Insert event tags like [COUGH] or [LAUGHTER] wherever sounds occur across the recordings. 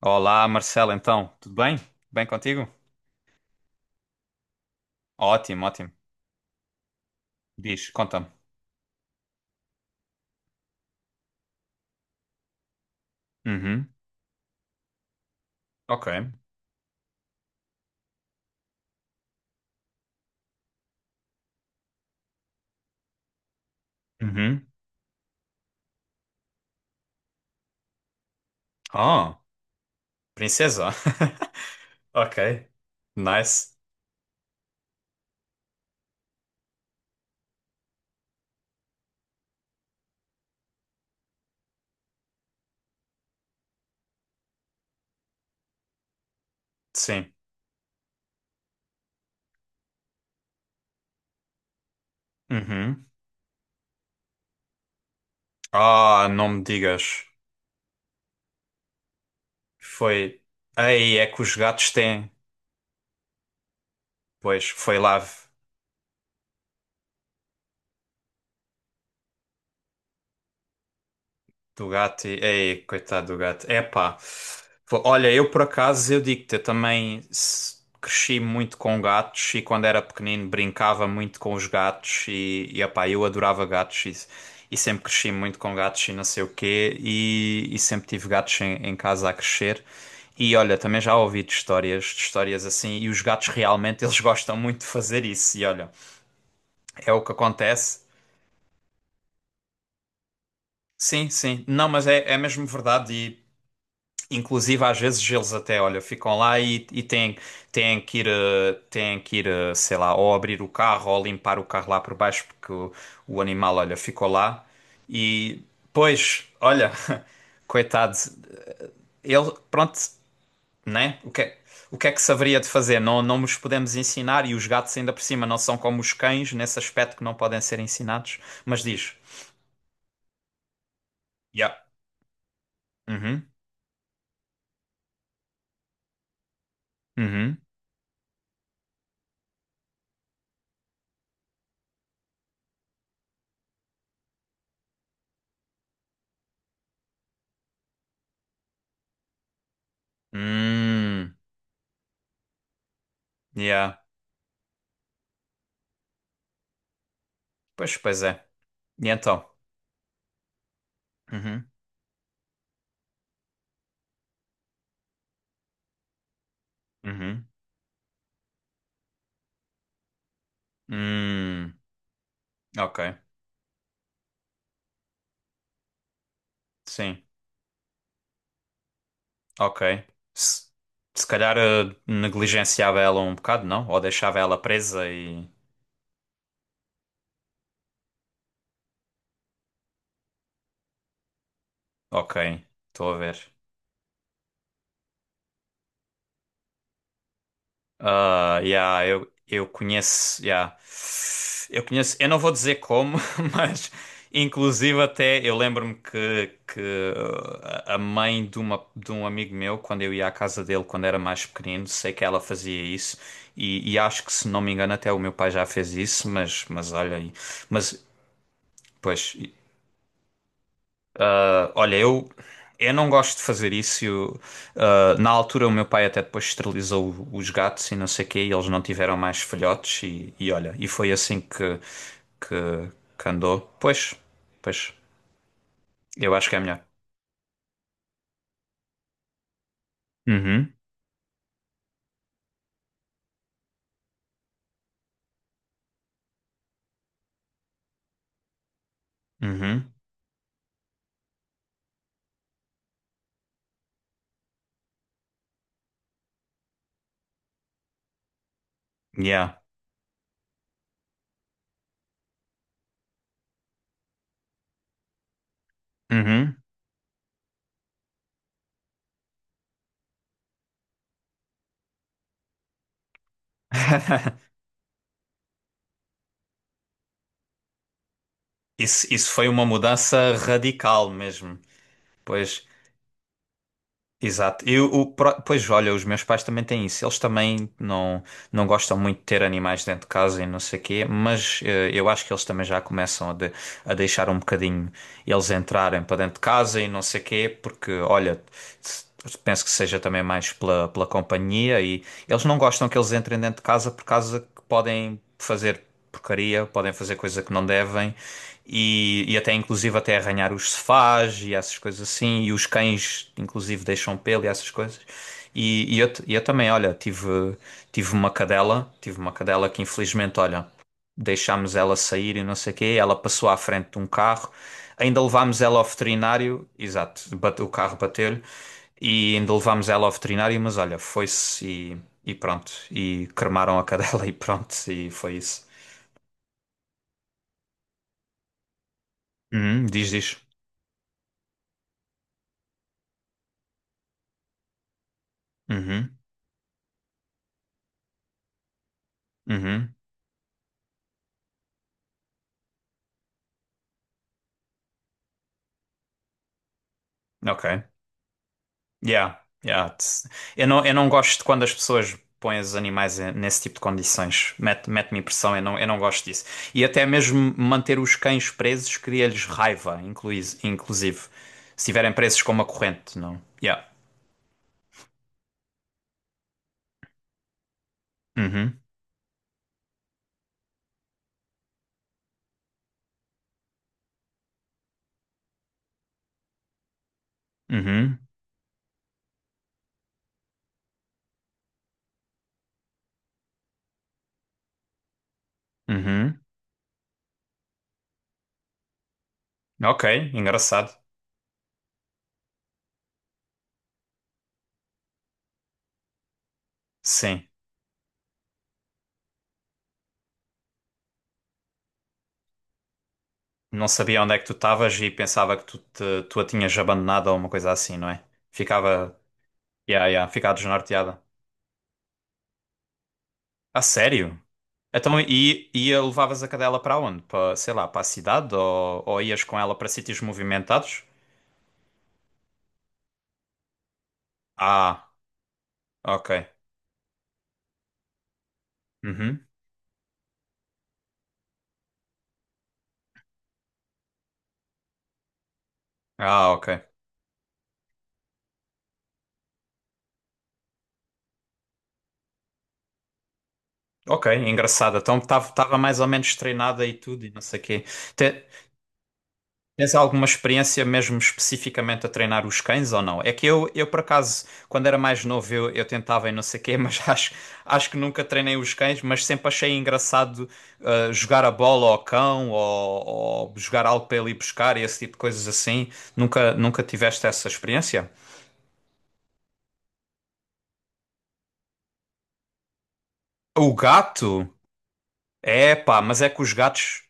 Olá, Marcelo, então, tudo bem? Bem contigo? Ótimo, ótimo. Diz, conta-me. Uhum, ok. Uhum. Oh, princesa. [LAUGHS] Ok. Nice. Sim. Uhum. Ah, não me digas. Foi. Ei, é que os gatos têm. Pois, foi lá. Do gato e... Ei, coitado do gato. Epá. Olha, eu por acaso, eu digo-te, eu também cresci muito com gatos e quando era pequenino brincava muito com os gatos e epá, eu adorava gatos e sempre cresci muito com gatos e não sei o quê e sempre tive gatos em casa a crescer. E olha, também já ouvi de histórias assim, e os gatos realmente eles [LAUGHS] gostam muito de fazer isso. E olha, é o que acontece. Sim, sim. Não, mas é, é mesmo verdade. Inclusive, às vezes eles até, olha, ficam lá e têm, têm que ir, têm que ir, sei lá, ou abrir o carro ou limpar o carro lá por baixo porque o animal, olha, ficou lá. E, pois, olha, [LAUGHS] coitado, ele, pronto, né? O que é que se haveria de fazer? Não, não nos podemos ensinar e os gatos ainda por cima não são como os cães nesse aspecto que não podem ser ensinados. Mas diz, yeah, uhum, uhum, hum, yeah, pois, pois é. E então? Uhum. Uhum. Hum, ok. Sim, ok. Se, se calhar negligenciava ela um bocado, não? Ou deixava ela presa e. Ok, estou a ver. Ah, yeah, eu conheço, yeah. Eu conheço, eu não vou dizer como, [LAUGHS] mas inclusive até eu lembro-me que a mãe de, uma, de um amigo meu, quando eu ia à casa dele quando era mais pequenino, sei que ela fazia isso e acho que se não me engano até o meu pai já fez isso, mas olha aí, mas pois. Ah, olha, eu não gosto de fazer isso. Eu, ah, na altura, o meu pai até depois esterilizou os gatos e não sei o quê, e eles não tiveram mais filhotes. E olha, e foi assim que, que andou. Pois, pois, eu acho que é melhor. Uhum, uhum, yeah, uhum. [LAUGHS] Isso foi uma mudança radical mesmo. Pois, exato. Eu, o, pois olha, os meus pais também têm isso. Eles também não, não gostam muito de ter animais dentro de casa e não sei o quê, mas eu acho que eles também já começam a, a deixar um bocadinho e eles entrarem para dentro de casa e não sei quê, porque olha, penso que seja também mais pela, pela companhia e eles não gostam que eles entrem dentro de casa por causa que podem fazer porcaria, podem fazer coisa que não devem e até inclusive até arranhar os sofás e essas coisas assim e os cães inclusive deixam pelo e essas coisas. E eu, e eu também, olha, tive, tive uma cadela que infelizmente, olha, deixámos ela sair e não sei o quê, ela passou à frente de um carro. Ainda levámos ela ao veterinário, exato, o carro bateu-lhe e ainda levámos ela ao veterinário, mas olha, foi-se e pronto. E cremaram a cadela [LAUGHS] e pronto, e foi isso. Uhum, diz, diz. Uhum, uhum, ok. Yeah, yeah. Tss. Eu não gosto quando as pessoas põem os animais nesse tipo de condições. Mete, mete-me impressão, eu não gosto disso. E até mesmo manter os cães presos cria-lhes raiva, inclusive. Se estiverem presos com uma corrente, não? Yeah. Uhum. Uhum, uhum. Ok, engraçado. Sim. Não sabia onde é que tu estavas e pensava que tu, te, tu a tinhas abandonado ou uma coisa assim, não é? Ficava. Yeah, yeah, ficava desnorteada. A sério? Então, e a levavas a cadela para onde? Para, sei lá, para a cidade ou ias com ela para sítios movimentados? Ah, ok. Uhum. Ah, ok. Ok, engraçado. Então estava mais ou menos treinada e tudo e não sei o quê. Te- Tens alguma experiência mesmo especificamente a treinar os cães ou não? É que eu por acaso, quando era mais novo, eu tentava e não sei quê, mas [LAUGHS] acho, acho que nunca treinei os cães, mas sempre achei engraçado jogar a bola ao cão ou jogar algo para ele ir buscar e esse tipo de coisas assim. Nunca, nunca tiveste essa experiência? O gato? É pá, mas é que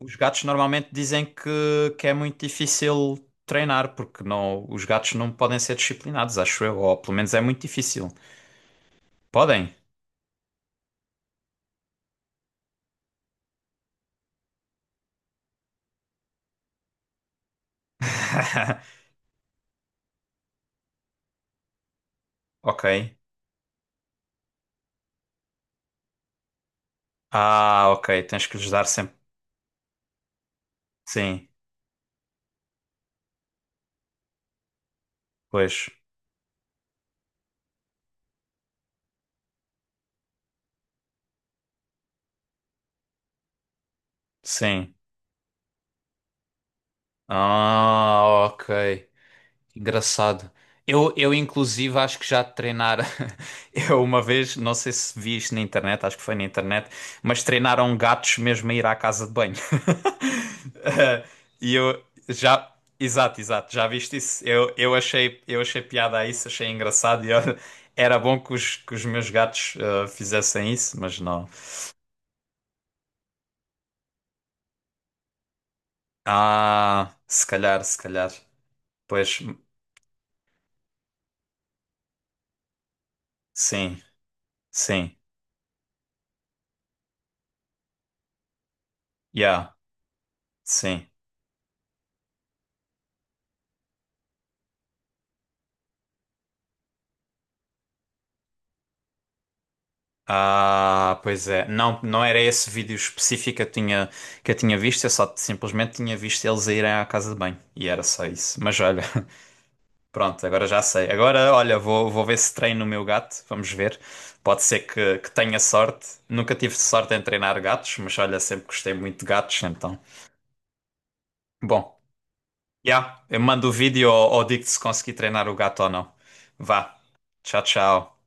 os gatos normalmente dizem que é muito difícil treinar, porque não, os gatos não podem ser disciplinados, acho eu, ou pelo menos é muito difícil. Podem? [LAUGHS] Ok. Ah, ok. Tens que lhes dar sempre. Sim, pois. Sim. Ah, ok. Engraçado. Eu, inclusive, acho que já de treinar. [LAUGHS] Eu uma vez, não sei se vi isto na internet, acho que foi na internet, mas treinaram gatos mesmo a ir à casa de banho. [LAUGHS] Eh, e eu já. Exato, exato, já viste isso? Eu achei piada a isso, achei engraçado. E olha, [LAUGHS] era bom que os meus gatos fizessem isso, mas não. Ah, se calhar, se calhar. Pois, sim, sim, yeah, sim. Ah, pois é. Não, não era esse vídeo específico que eu tinha visto, eu só simplesmente tinha visto eles a irem à casa de banho. E era só isso. Mas olha, [LAUGHS] pronto, agora já sei. Agora, olha, vou, vou ver se treino o meu gato, vamos ver. Pode ser que tenha sorte. Nunca tive sorte em treinar gatos, mas olha, sempre gostei muito de gatos, então. Bom, já, eu mando o vídeo ou digo-te se consegui treinar o gato ou não. Vá. Tchau, tchau.